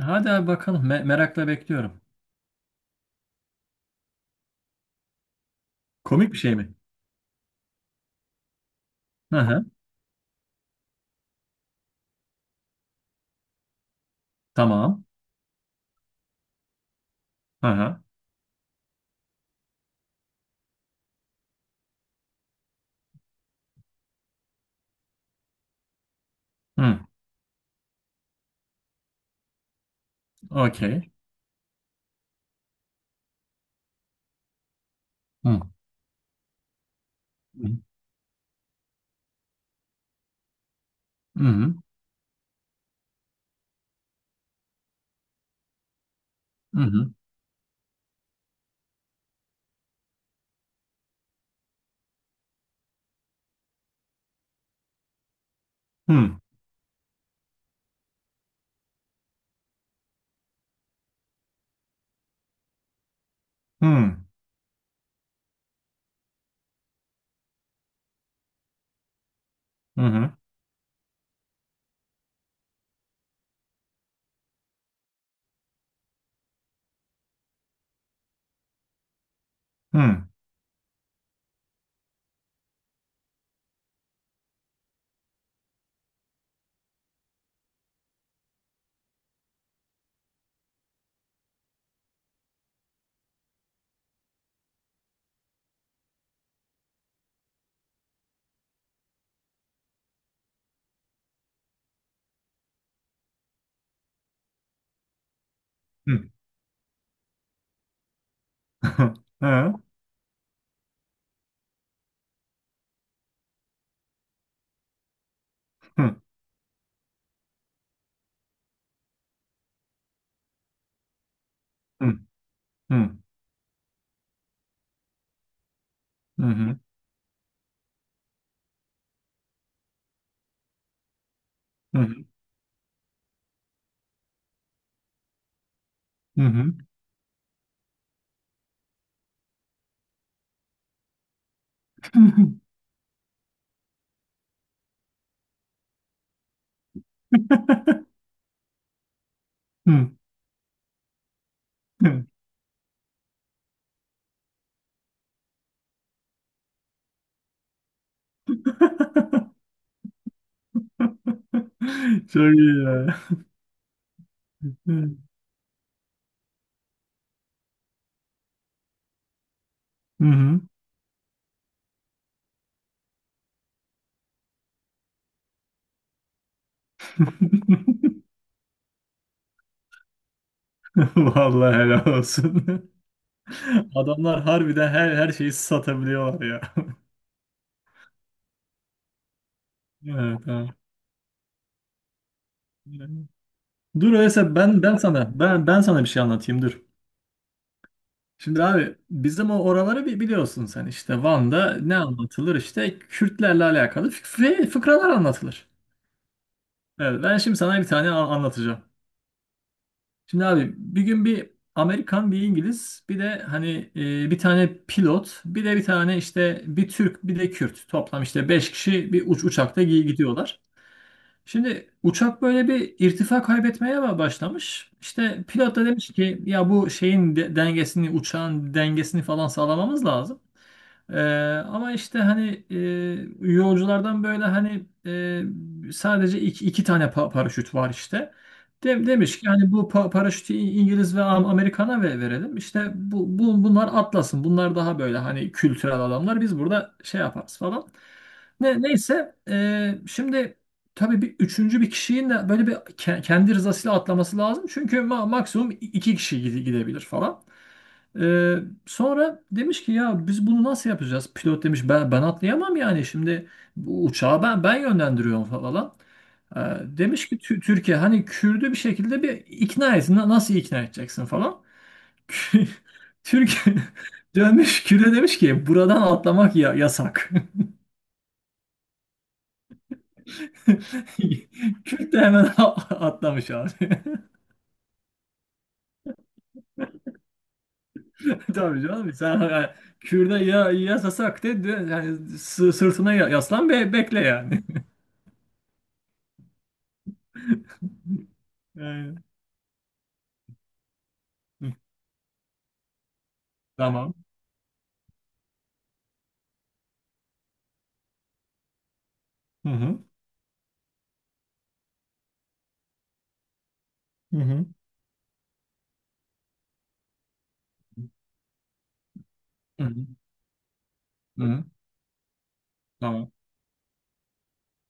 Hadi abi bakalım. Merakla bekliyorum. Komik bir şey mi? Hı hı. Tamam. Hı hı. Hı. Okey. Hı. Hı. Hı hı. Hı hı. Hı. Hı. Hı hı. Hı. Hı. Hı. Hı. Hı. Hı. Hı hı. Hı hı. Hı hı. Hı. Hı. Çok iyi ya. Hı hı. Vallahi helal olsun. Adamlar harbiden her şeyi satabiliyorlar ya. Evet, tamam. Dur öyleyse ben sana bir şey anlatayım dur. Şimdi abi bizim oraları bir biliyorsun sen, işte Van'da ne anlatılır, işte Kürtlerle alakalı fıkralar anlatılır. Evet, ben şimdi sana bir tane anlatacağım. Şimdi abi bir gün bir Amerikan, bir İngiliz, bir de hani bir tane pilot, bir de bir tane işte bir Türk, bir de Kürt, toplam işte 5 kişi bir uçakta gidiyorlar. Şimdi uçak böyle bir irtifa kaybetmeye mi başlamış? İşte pilot da demiş ki ya, bu şeyin dengesini, uçağın dengesini falan sağlamamız lazım. Ee, Ama işte hani, yolculardan böyle hani, sadece iki tane paraşüt var işte. Demiş ki hani bu paraşütü İngiliz ve Amerikan'a verelim. İşte bu bunlar atlasın. Bunlar daha böyle hani kültürel adamlar. Biz burada şey yaparız falan. Neyse, şimdi tabii üçüncü bir kişinin de böyle bir kendi rızasıyla atlaması lazım. Çünkü maksimum iki kişi gidebilir falan. Ee, Sonra demiş ki ya biz bunu nasıl yapacağız? Pilot demiş ben atlayamam yani, şimdi bu uçağı ben yönlendiriyorum falan. Demiş ki Türkiye, hani Kürdü bir şekilde bir ikna et. Nasıl ikna edeceksin falan." Türkiye dönmüş Kürt'e, demiş ki buradan atlamak ya yasak. Kürt de hemen atlamış abi. Tabii canım, sen yani, Kürt'e ya yasasak de yani, sırtına yaslan ve bekle yani. Yani. Tamam. Hı hı. Hı hı. Hı hı. Hı hı. Tamam.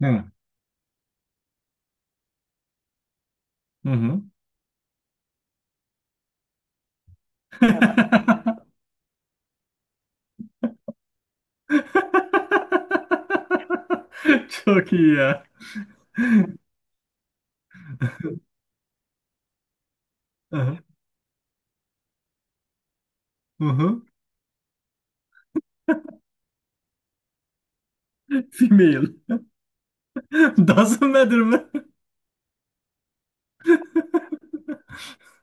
Hı hı. Hı. Tamam. Çok iyi ya. Hı hı. Hı hı. Female. Doesn't matter mı?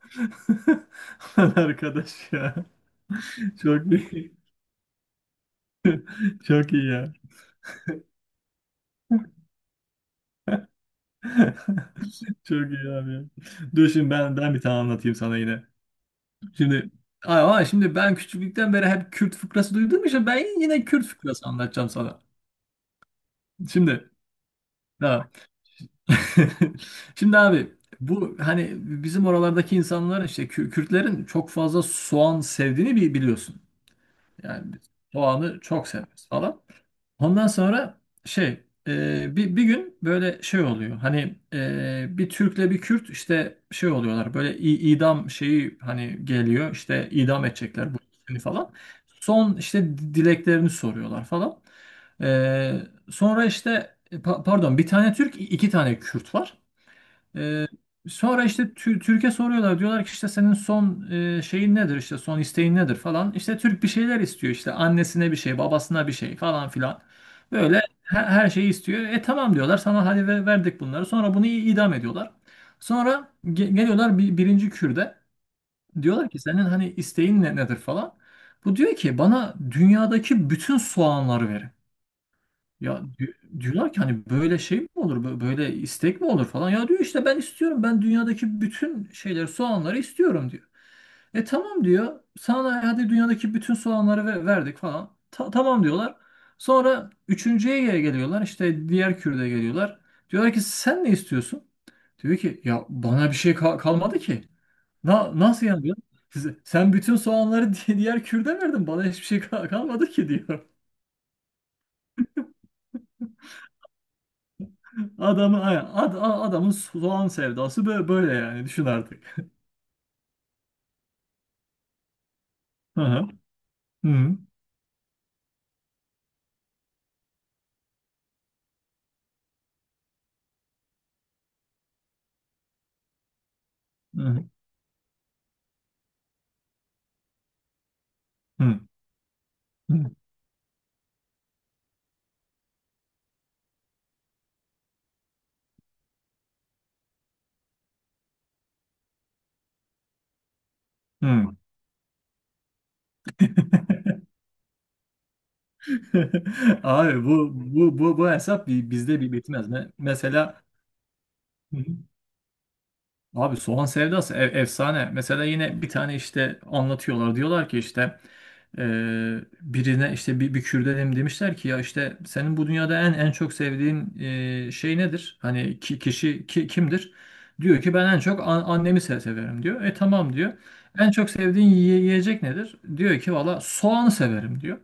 Lan arkadaş ya. Çok iyi. Çok iyi ya. Çok iyi abi ya. Dur şimdi ben bir tane anlatayım sana yine. Şimdi ama şimdi ben küçüklükten beri hep Kürt fıkrası duyduğum için ben yine Kürt fıkrası anlatacağım sana. Şimdi ha, şimdi abi bu hani bizim oralardaki insanlar, işte Kürtlerin çok fazla soğan sevdiğini biliyorsun. Yani biz soğanı çok severiz falan. Ondan sonra şey, bir gün böyle şey oluyor. Hani bir Türk'le bir Kürt işte şey oluyorlar. Böyle idam şeyi hani geliyor, işte idam edecekler bu ikisini falan. Son işte dileklerini soruyorlar falan. E, Sonra işte, pardon, bir tane Türk, iki tane Kürt var. Ee, Sonra işte Türk'e soruyorlar. Diyorlar ki işte senin son şeyin nedir, işte son isteğin nedir falan. İşte Türk bir şeyler istiyor, işte annesine bir şey, babasına bir şey falan filan. Böyle her şeyi istiyor. E tamam diyorlar, sana hadi verdik bunları. Sonra bunu idam ediyorlar. Sonra geliyorlar birinci Kürde. Diyorlar ki senin hani isteğin nedir falan. Bu diyor ki bana dünyadaki bütün soğanları verin. Ya diyorlar ki hani böyle şey mi olur, böyle istek mi olur falan. Ya diyor işte ben istiyorum, ben dünyadaki bütün şeyleri, soğanları istiyorum diyor. E tamam diyor, sana hadi dünyadaki bütün soğanları verdik falan. Tamam diyorlar. Sonra üçüncüye geliyorlar, işte diğer kürde geliyorlar. Diyorlar ki sen ne istiyorsun? Diyor ki ya bana bir şey kalmadı ki. Nasıl yani diyor. Sen bütün soğanları diğer kürde verdin, bana hiçbir şey kalmadı ki diyor. Adamın, aynen, ad, a- Adamın soğan sevdası böyle, yani düşün artık. Hı hı. Hı hı. Hı hı. Hı. Abi bu hesap bizde bir bitmez. Mesela, abi soğan sevdası efsane. Mesela yine bir tane işte anlatıyorlar. Diyorlar ki işte, e, birine işte bir Kürdenim demişler ki ya, işte senin bu dünyada en çok sevdiğin şey nedir? Kişi kimdir? Diyor ki ben en çok annemi severim diyor. E tamam diyor. En çok sevdiğin yiyecek nedir? Diyor ki valla soğanı severim diyor.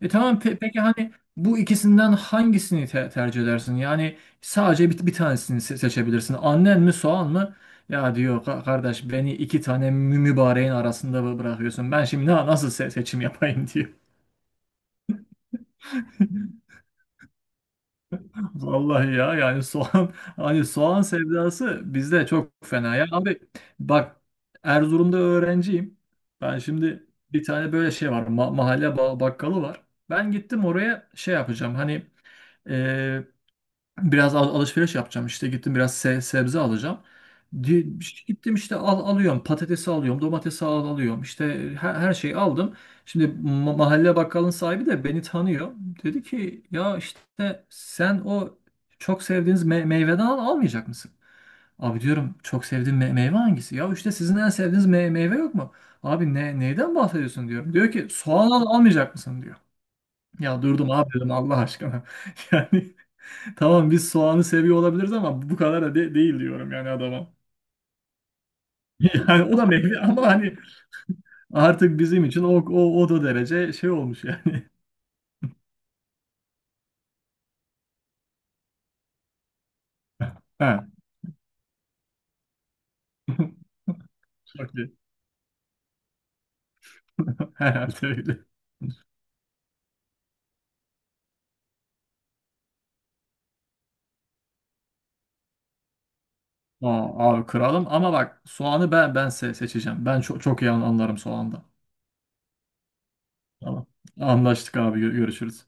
E tamam, peki hani bu ikisinden hangisini tercih edersin? Yani sadece bir tanesini seçebilirsin. Annen mi soğan mı? Ya diyor Kardeş beni iki tane mübareğin arasında bırakıyorsun. Ben şimdi nasıl seçim yapayım" diyor. Vallahi ya, yani soğan, hani soğan sevdası bizde çok fena ya. Abi bak, Erzurum'da öğrenciyim. Ben şimdi bir tane böyle şey var, mahalle bakkalı var. Ben gittim oraya şey yapacağım, hani biraz alışveriş yapacağım, işte gittim biraz sebze alacağım. Di- işte gittim, işte alıyorum patatesi, alıyorum domatesi, alıyorum işte, her şeyi aldım. Şimdi mahalle bakkalın sahibi de beni tanıyor. Dedi ki ya işte sen o çok sevdiğiniz meyveden almayacak mısın? Abi diyorum, çok sevdiğim meyve hangisi? Ya işte sizin en sevdiğiniz meyve yok mu? Abi ne, neyden bahsediyorsun diyorum. Diyor ki soğan almayacak mısın diyor. Ya durdum abi, dedim Allah aşkına. Yani tamam, biz soğanı seviyor olabiliriz ama bu kadar da değil diyorum yani adama. Yani o da meyve ama hani artık bizim için o da derece şey olmuş yani. Ha. Çok iyi. Herhalde öyle. Aa, abi kralım, ama bak soğanı ben seçeceğim. Ben çok iyi anlarım soğanda. Tamam. Anlaştık abi, görüşürüz.